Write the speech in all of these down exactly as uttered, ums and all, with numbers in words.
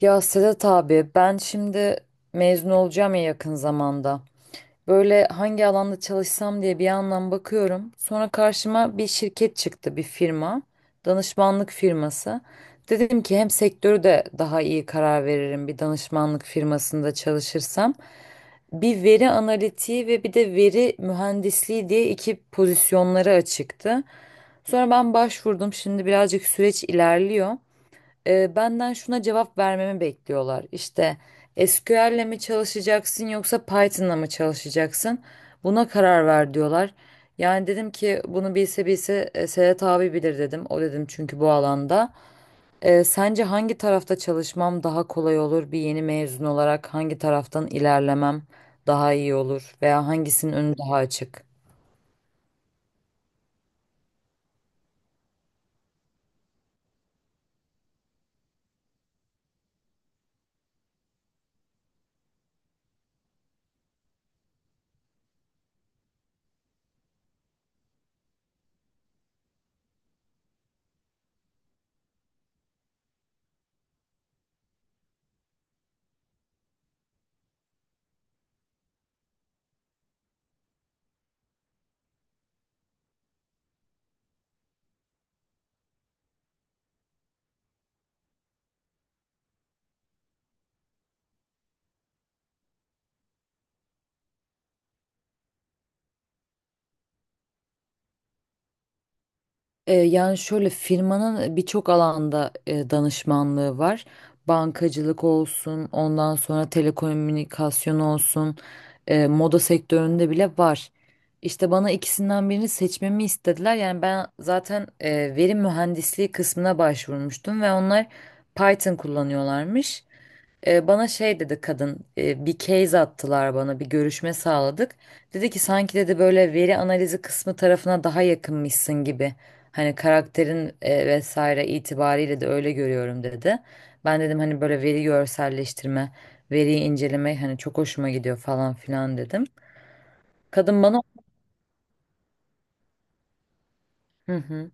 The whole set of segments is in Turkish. Ya Sedat abi ben şimdi mezun olacağım ya yakın zamanda. Böyle hangi alanda çalışsam diye bir yandan bakıyorum. Sonra karşıma bir şirket çıktı, bir firma. Danışmanlık firması. Dedim ki hem sektörü de daha iyi karar veririm bir danışmanlık firmasında çalışırsam. Bir veri analitiği ve bir de veri mühendisliği diye iki pozisyonları açıktı. Sonra ben başvurdum. Şimdi birazcık süreç ilerliyor, e, benden şuna cevap vermemi bekliyorlar. İşte S Q L'le mi çalışacaksın yoksa Python'la mı çalışacaksın? Buna karar ver diyorlar. Yani dedim ki bunu bilse bilse e, Sedat abi bilir dedim. O dedim çünkü bu alanda. E, sence hangi tarafta çalışmam daha kolay olur? Bir yeni mezun olarak hangi taraftan ilerlemem daha iyi olur? Veya hangisinin önü daha açık? E, Yani şöyle, firmanın birçok alanda e, danışmanlığı var. Bankacılık olsun, ondan sonra telekomünikasyon olsun, e, moda sektöründe bile var. İşte bana ikisinden birini seçmemi istediler. Yani ben zaten e, veri mühendisliği kısmına başvurmuştum ve onlar Python kullanıyorlarmış. E, bana şey dedi kadın, e, bir case attılar, bana bir görüşme sağladık. Dedi ki sanki dedi böyle veri analizi kısmı tarafına daha yakınmışsın gibi. Hani karakterin e, vesaire itibariyle de öyle görüyorum dedi. Ben dedim hani böyle veri görselleştirme, veriyi inceleme hani çok hoşuma gidiyor falan filan dedim. Kadın bana hı hı.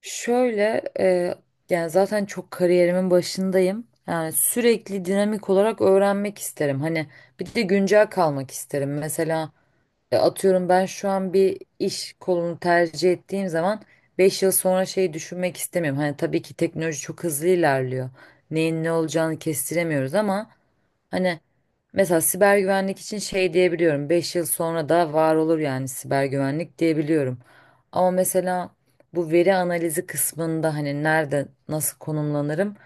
Şöyle, e, yani zaten çok kariyerimin başındayım. Yani sürekli dinamik olarak öğrenmek isterim. Hani bir de güncel kalmak isterim. Mesela e, atıyorum, ben şu an bir iş kolunu tercih ettiğim zaman beş yıl sonra şeyi düşünmek istemiyorum. Hani tabii ki teknoloji çok hızlı ilerliyor. Neyin ne olacağını kestiremiyoruz ama hani mesela siber güvenlik için şey diyebiliyorum. Beş yıl sonra da var olur, yani siber güvenlik diyebiliyorum. Ama mesela bu veri analizi kısmında hani nerede nasıl konumlanırım,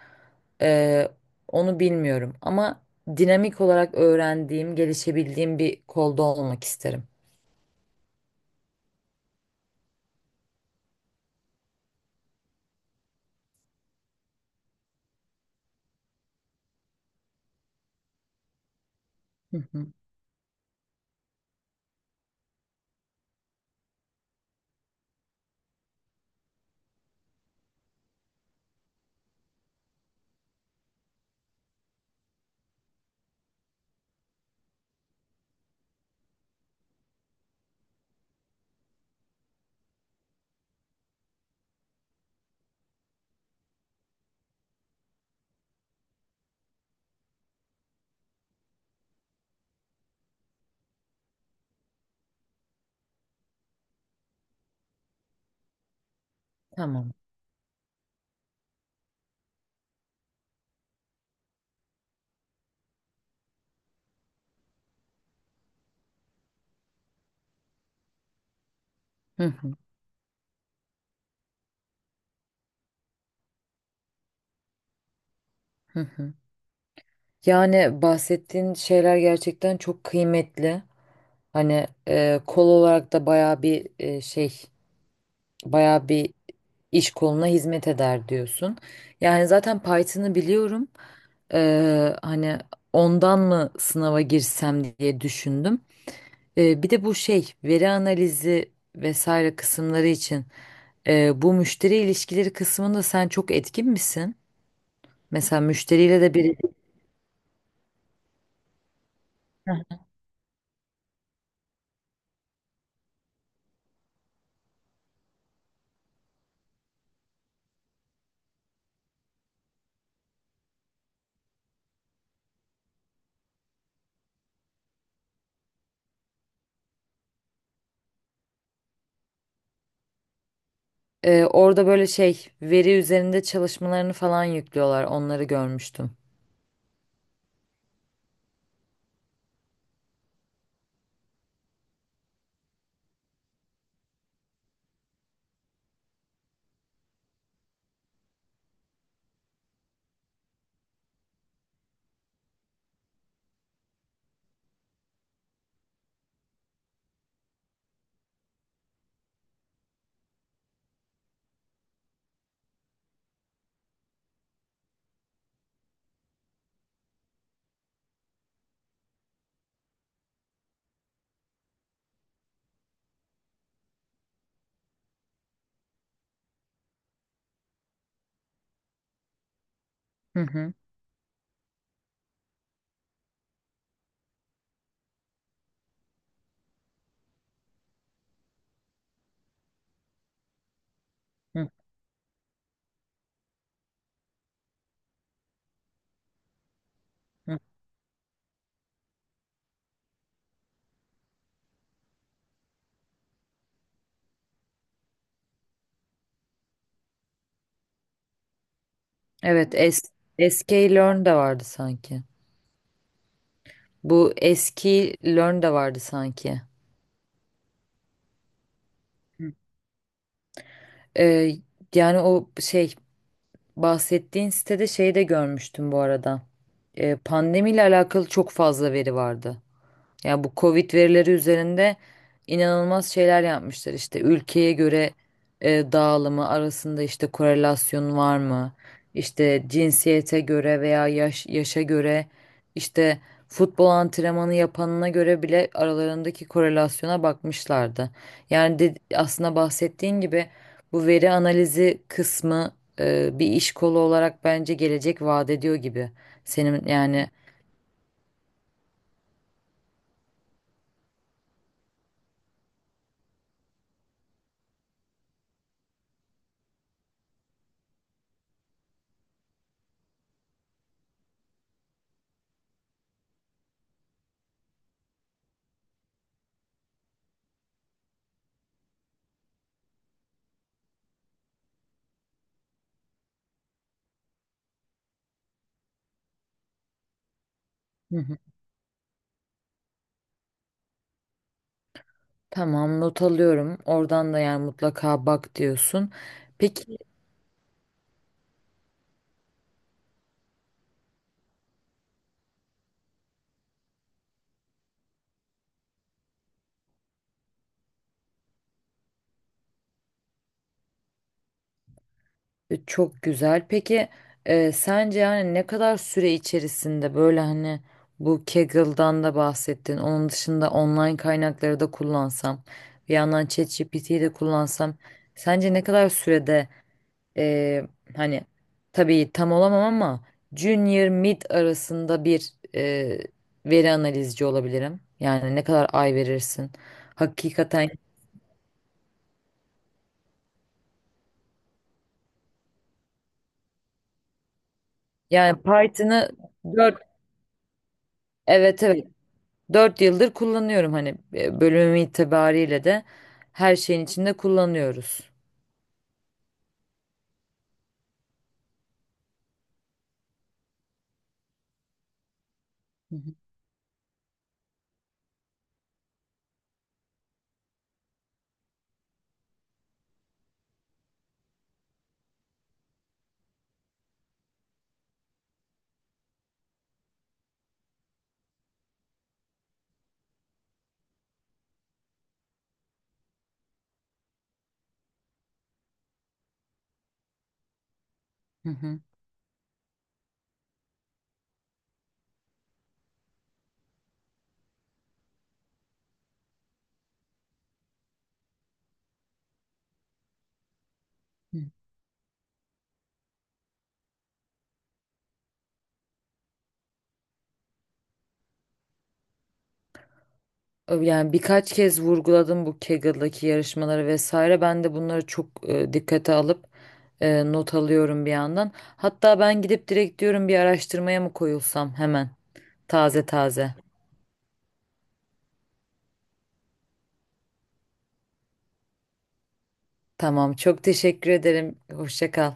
eee, onu bilmiyorum. Ama dinamik olarak öğrendiğim, gelişebildiğim bir kolda olmak isterim. Hı hı, tamam. Hı hı, hı hı. Yani bahsettiğin şeyler gerçekten çok kıymetli. Hani e, kol olarak da bayağı bir e, şey, bayağı bir iş koluna hizmet eder diyorsun. Yani zaten Python'ı biliyorum. Ee, hani ondan mı sınava girsem diye düşündüm. Ee, bir de bu şey veri analizi vesaire kısımları için e, bu müşteri ilişkileri kısmında sen çok etkin misin? Mesela müşteriyle de bir... Ee, orada böyle şey, veri üzerinde çalışmalarını falan yüklüyorlar. Onları görmüştüm. Hı hı. Hı hı. Evet. S- SKlearn de vardı sanki. Bu eski Learn de vardı sanki. Ee, yani o şey, bahsettiğin sitede şeyi de görmüştüm bu arada. Ee, pandemiyle alakalı çok fazla veri vardı. Ya bu Covid verileri üzerinde inanılmaz şeyler yapmışlar. İşte ülkeye göre e, dağılımı arasında işte korelasyon var mı? İşte cinsiyete göre veya yaş, yaşa göre işte futbol antrenmanı yapanına göre bile aralarındaki korelasyona bakmışlardı. Yani de, aslında bahsettiğin gibi bu veri analizi kısmı e, bir iş kolu olarak bence gelecek vaat ediyor gibi. Senin yani... Hı hı. Tamam, not alıyorum. Oradan da yani mutlaka bak diyorsun. Peki, e, çok güzel. Peki e, sence yani ne kadar süre içerisinde böyle hani, bu Kaggle'dan da bahsettin. Onun dışında online kaynakları da kullansam, bir yandan ChatGPT'yi yi de kullansam sence ne kadar sürede, e, hani tabii tam olamam ama junior mid arasında bir e, veri analizci olabilirim. Yani ne kadar ay verirsin? Hakikaten... Yani Python'ı dört evet evet dört yıldır kullanıyorum, hani e, bölümüm itibariyle de her şeyin içinde kullanıyoruz. Hı, hı hı, hı. Ö- Yani birkaç kez vurguladım bu Kaggle'daki yarışmaları vesaire. Ben de bunları çok e, dikkate alıp e, not alıyorum bir yandan. Hatta ben gidip direkt diyorum bir araştırmaya mı koyulsam hemen, taze taze. Tamam, çok teşekkür ederim. Hoşça kal.